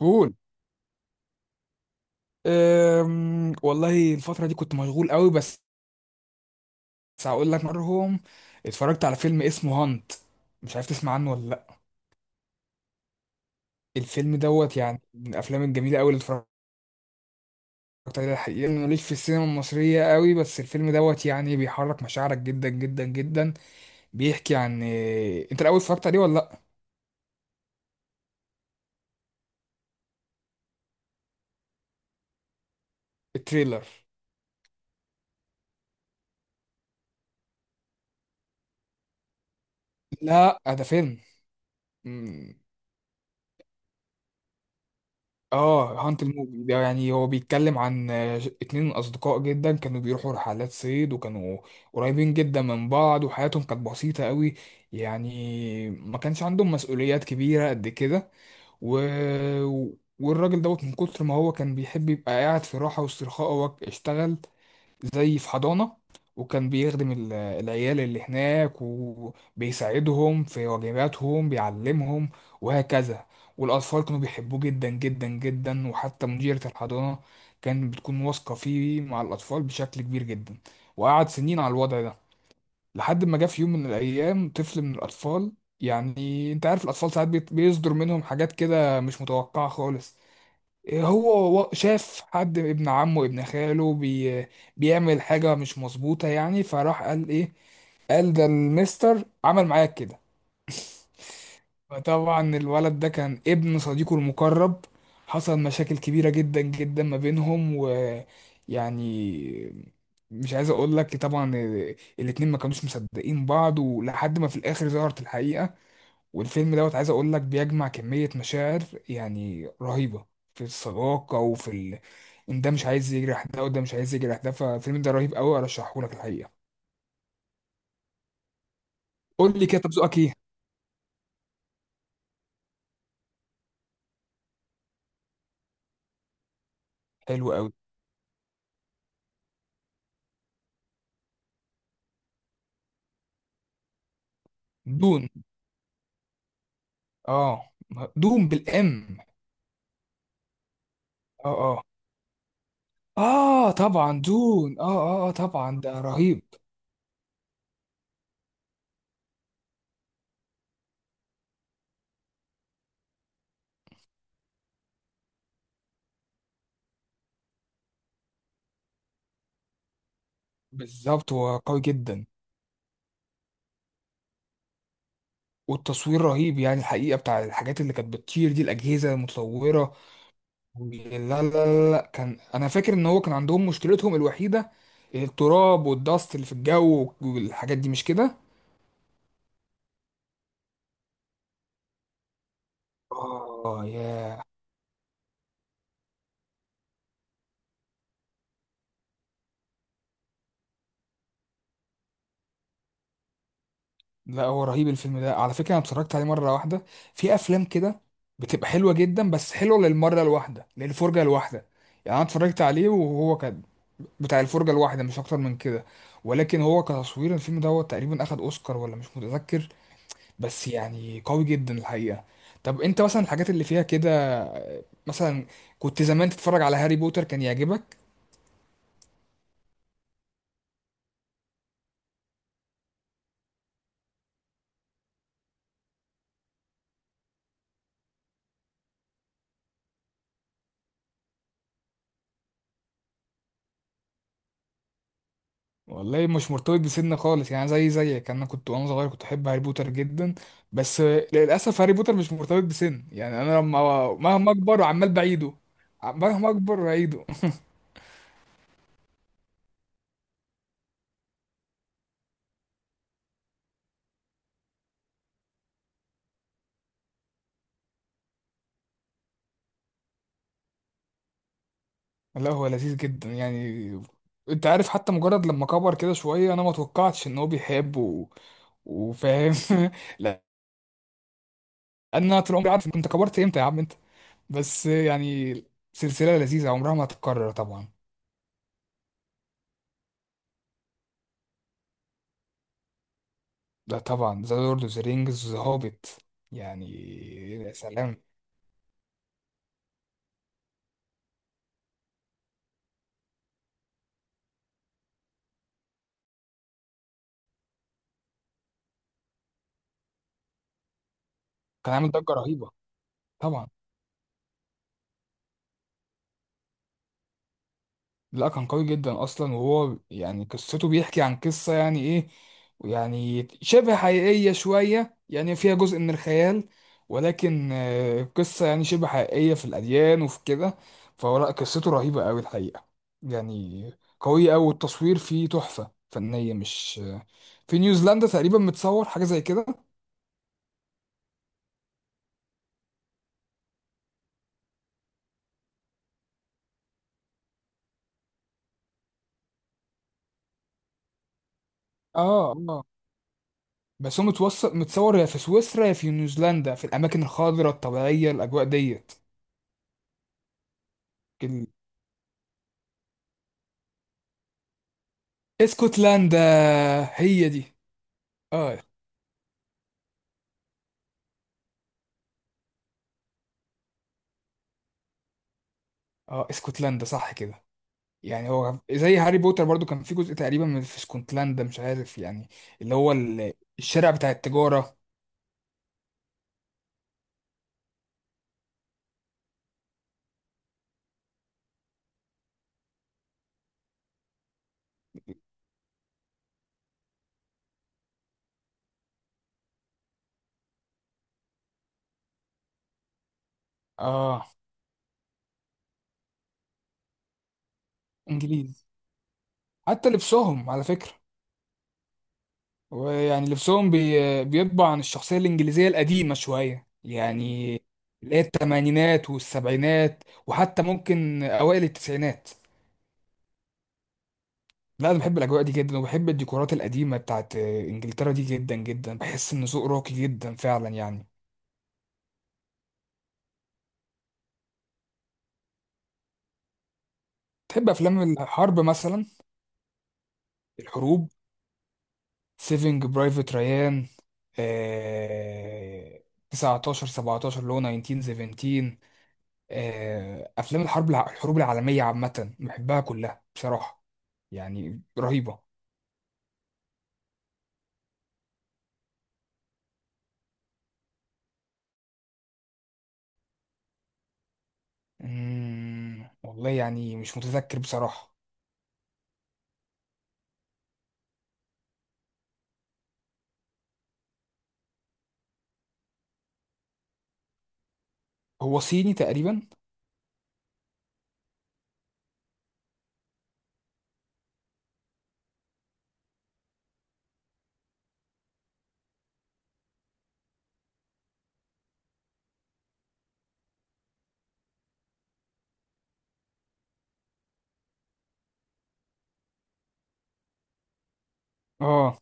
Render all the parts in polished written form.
قول. والله الفترة دي كنت مشغول قوي، بس هقول لك. مرهم، اتفرجت على فيلم اسمه هانت، مش عارف تسمع عنه ولا لا. الفيلم دوت يعني من الافلام الجميلة قوي اللي اتفرجت عليها. الحقيقة أنا ماليش في السينما المصرية قوي، بس الفيلم دوت يعني بيحرك مشاعرك جدا جدا جدا. بيحكي عن انت الاول اتفرجت عليه ولا لا؟ التريلر، لا ده فيلم. اه، هانت الموجي ده يعني هو بيتكلم عن اتنين اصدقاء جدا كانوا بيروحوا رحلات صيد، وكانوا قريبين جدا من بعض، وحياتهم كانت بسيطة قوي، يعني ما كانش عندهم مسؤوليات كبيرة قد كده. و... والراجل دوت من كتر ما هو كان بيحب يبقى قاعد في راحة واسترخاء، هو اشتغل زي في حضانة، وكان بيخدم العيال اللي هناك وبيساعدهم في واجباتهم، بيعلمهم وهكذا. والأطفال كانوا بيحبوه جدا جدا جدا، وحتى مديرة الحضانة كانت بتكون واثقة فيه مع الأطفال بشكل كبير جدا. وقعد سنين على الوضع ده، لحد ما جه في يوم من الأيام طفل من الأطفال. يعني أنت عارف الأطفال ساعات بيصدر منهم حاجات كده مش متوقعة خالص. هو شاف حد ابن عمه، ابن خاله، بيعمل حاجة مش مظبوطة يعني، فراح قال ايه؟ قال ده المستر عمل معايا كده. فطبعا الولد ده كان ابن صديقه المقرب، حصل مشاكل كبيرة جدا جدا ما بينهم، ويعني مش عايز اقول لك، طبعا الاتنين ما كانوش مصدقين بعض، ولحد ما في الاخر ظهرت الحقيقة. والفيلم دوت عايز اقول لك بيجمع كمية مشاعر يعني رهيبة في الصداقة، وفي ان ده مش عايز يجرح ده، وده مش عايز يجرح ده. فالفيلم ده رهيب قوي، ارشحه لك الحقيقة. قول لي كده، طب ذوقك ايه؟ حلو قوي. دون، اه دون بالام. اه اه، اه طبعا دون اه اه، طبعا ده رهيب. بالظبط هو قوي جدا. والتصوير رهيب يعني الحقيقة، بتاع الحاجات اللي كانت بتطير دي، الأجهزة المتطورة. لا، لا لا لا، كان انا فاكر ان هو كان عندهم مشكلتهم الوحيده التراب والدست اللي في الجو والحاجات دي، مش كده؟ اه ياه. لا هو رهيب الفيلم ده على فكره، انا اتفرجت عليه مره واحده. في افلام كده بتبقى حلوه جدا بس حلوه للمره الواحده، للفرجه الواحده. يعني انا اتفرجت عليه وهو كان بتاع الفرجه الواحده، مش اكتر من كده. ولكن هو كتصوير الفيلم ده هو تقريبا اخد اوسكار ولا مش متذكر، بس يعني قوي جدا الحقيقه. طب انت مثلا الحاجات اللي فيها كده مثلا، كنت زمان تتفرج على هاري بوتر، كان يعجبك؟ والله مش مرتبط بسن خالص يعني، زي زيك انا كنت وانا صغير كنت احب هاري بوتر جدا. بس للاسف هاري بوتر مش مرتبط بسن يعني، انا لما مهما اكبر عمال بعيده، مهما اكبر بعيده. لا هو لذيذ جدا يعني. انت عارف حتى مجرد لما كبر كده شويه انا ما توقعتش ان هو بيحب وفاهم. لان انا طول عمري عارف، كنت كبرت امتى يا عم انت؟ بس يعني سلسله لذيذه عمرها ما هتتكرر طبعا. ده طبعا ذا لورد اوف ذا رينجز، ذا هوبيت يعني، يا سلام. كان عامل ضجة رهيبة طبعا. لا كان قوي جدا اصلا، وهو يعني قصته بيحكي عن قصة يعني ايه، يعني شبه حقيقية شوية، يعني فيها جزء من الخيال، ولكن قصة يعني شبه حقيقية في الأديان وفي كده. فهو لا، قصته رهيبة قوي الحقيقة، يعني قوية قوي. والتصوير فيه تحفة فنية، مش في نيوزيلندا تقريبا متصور، حاجة زي كده. اه اه. بس هو متوصل، متصور يا في سويسرا يا في نيوزيلندا، في الاماكن الخضراء الطبيعيه، الاجواء ديت. ال- اسكتلندا، هي دي. اه اه، اسكتلندا صح كده. يعني هو زي هاري بوتر برضو، كان في جزء تقريبا من في اسكتلندا، مش عارف يعني، اللي هو الشارع بتاع التجاره. اه انجليز، حتى لبسهم على فكره ويعني لبسهم بيطبع عن الشخصية الإنجليزية القديمة شوية يعني، اللي هي التمانينات والسبعينات، وحتى ممكن أوائل التسعينات. لا أنا بحب الأجواء دي جدا، وبحب الديكورات القديمة بتاعت إنجلترا دي جدا جدا، بحس إن ذوق راقي جدا فعلا يعني. تحب أفلام الحرب مثلا، الحروب؟ سيفينج برايفت ريان، آه... 19 17 اللي هو 1917، افلام الحرب الحروب العالميه عامه بحبها كلها بصراحه، يعني رهيبه. والله يعني مش متذكر بصراحه. هو صيني تقريبا؟ اه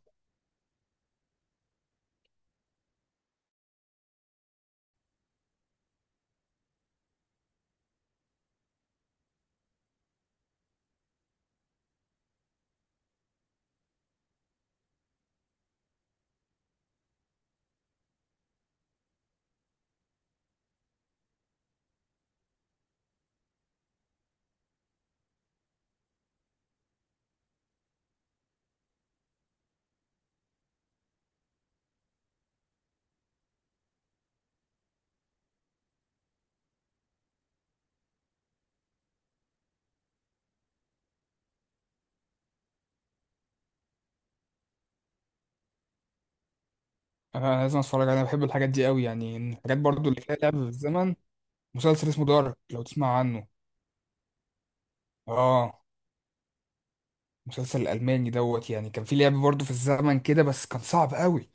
انا لازم اتفرج عليه، انا بحب الحاجات دي قوي، يعني الحاجات برضو اللي فيها لعب في الزمن. مسلسل اسمه دارك، لو تسمع عنه. اه، المسلسل الألماني دوت يعني كان في لعب برضه في الزمن كده، بس كان صعب قوي،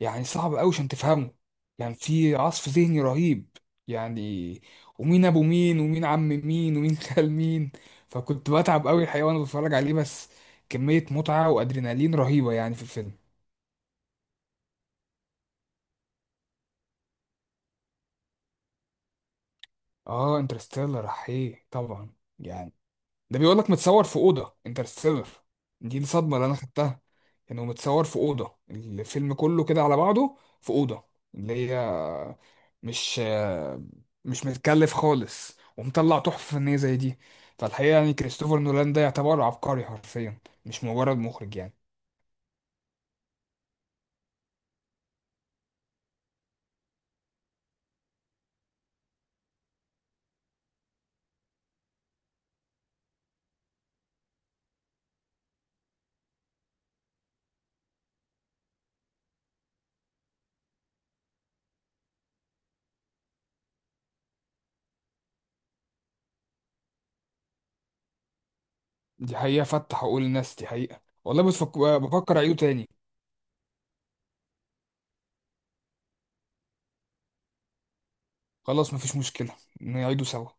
يعني صعب قوي عشان تفهمه. كان في عصف ذهني رهيب يعني، ومين أبو مين، ومين عم مين، ومين خال مين. فكنت بتعب قوي الحقيقة وأنا بتفرج عليه، بس كمية متعة وأدرينالين رهيبة يعني في الفيلم. آه انترستيلر، أحيه طبعا يعني. ده بيقول لك متصور في أوضة انترستيلر، دي الصدمة اللي أنا خدتها. كانوا متصور في أوضة، الفيلم كله كده على بعضه في أوضة، اللي هي مش مش متكلف خالص، ومطلع تحفة فنية زي دي. فالحقيقة يعني كريستوفر نولان ده يعتبر عبقري حرفيا، مش مجرد مخرج يعني. دي حقيقة فتح عقول الناس، دي حقيقة والله، بس بفكر أعيده تاني. خلاص مفيش مشكلة، نعيده سوا.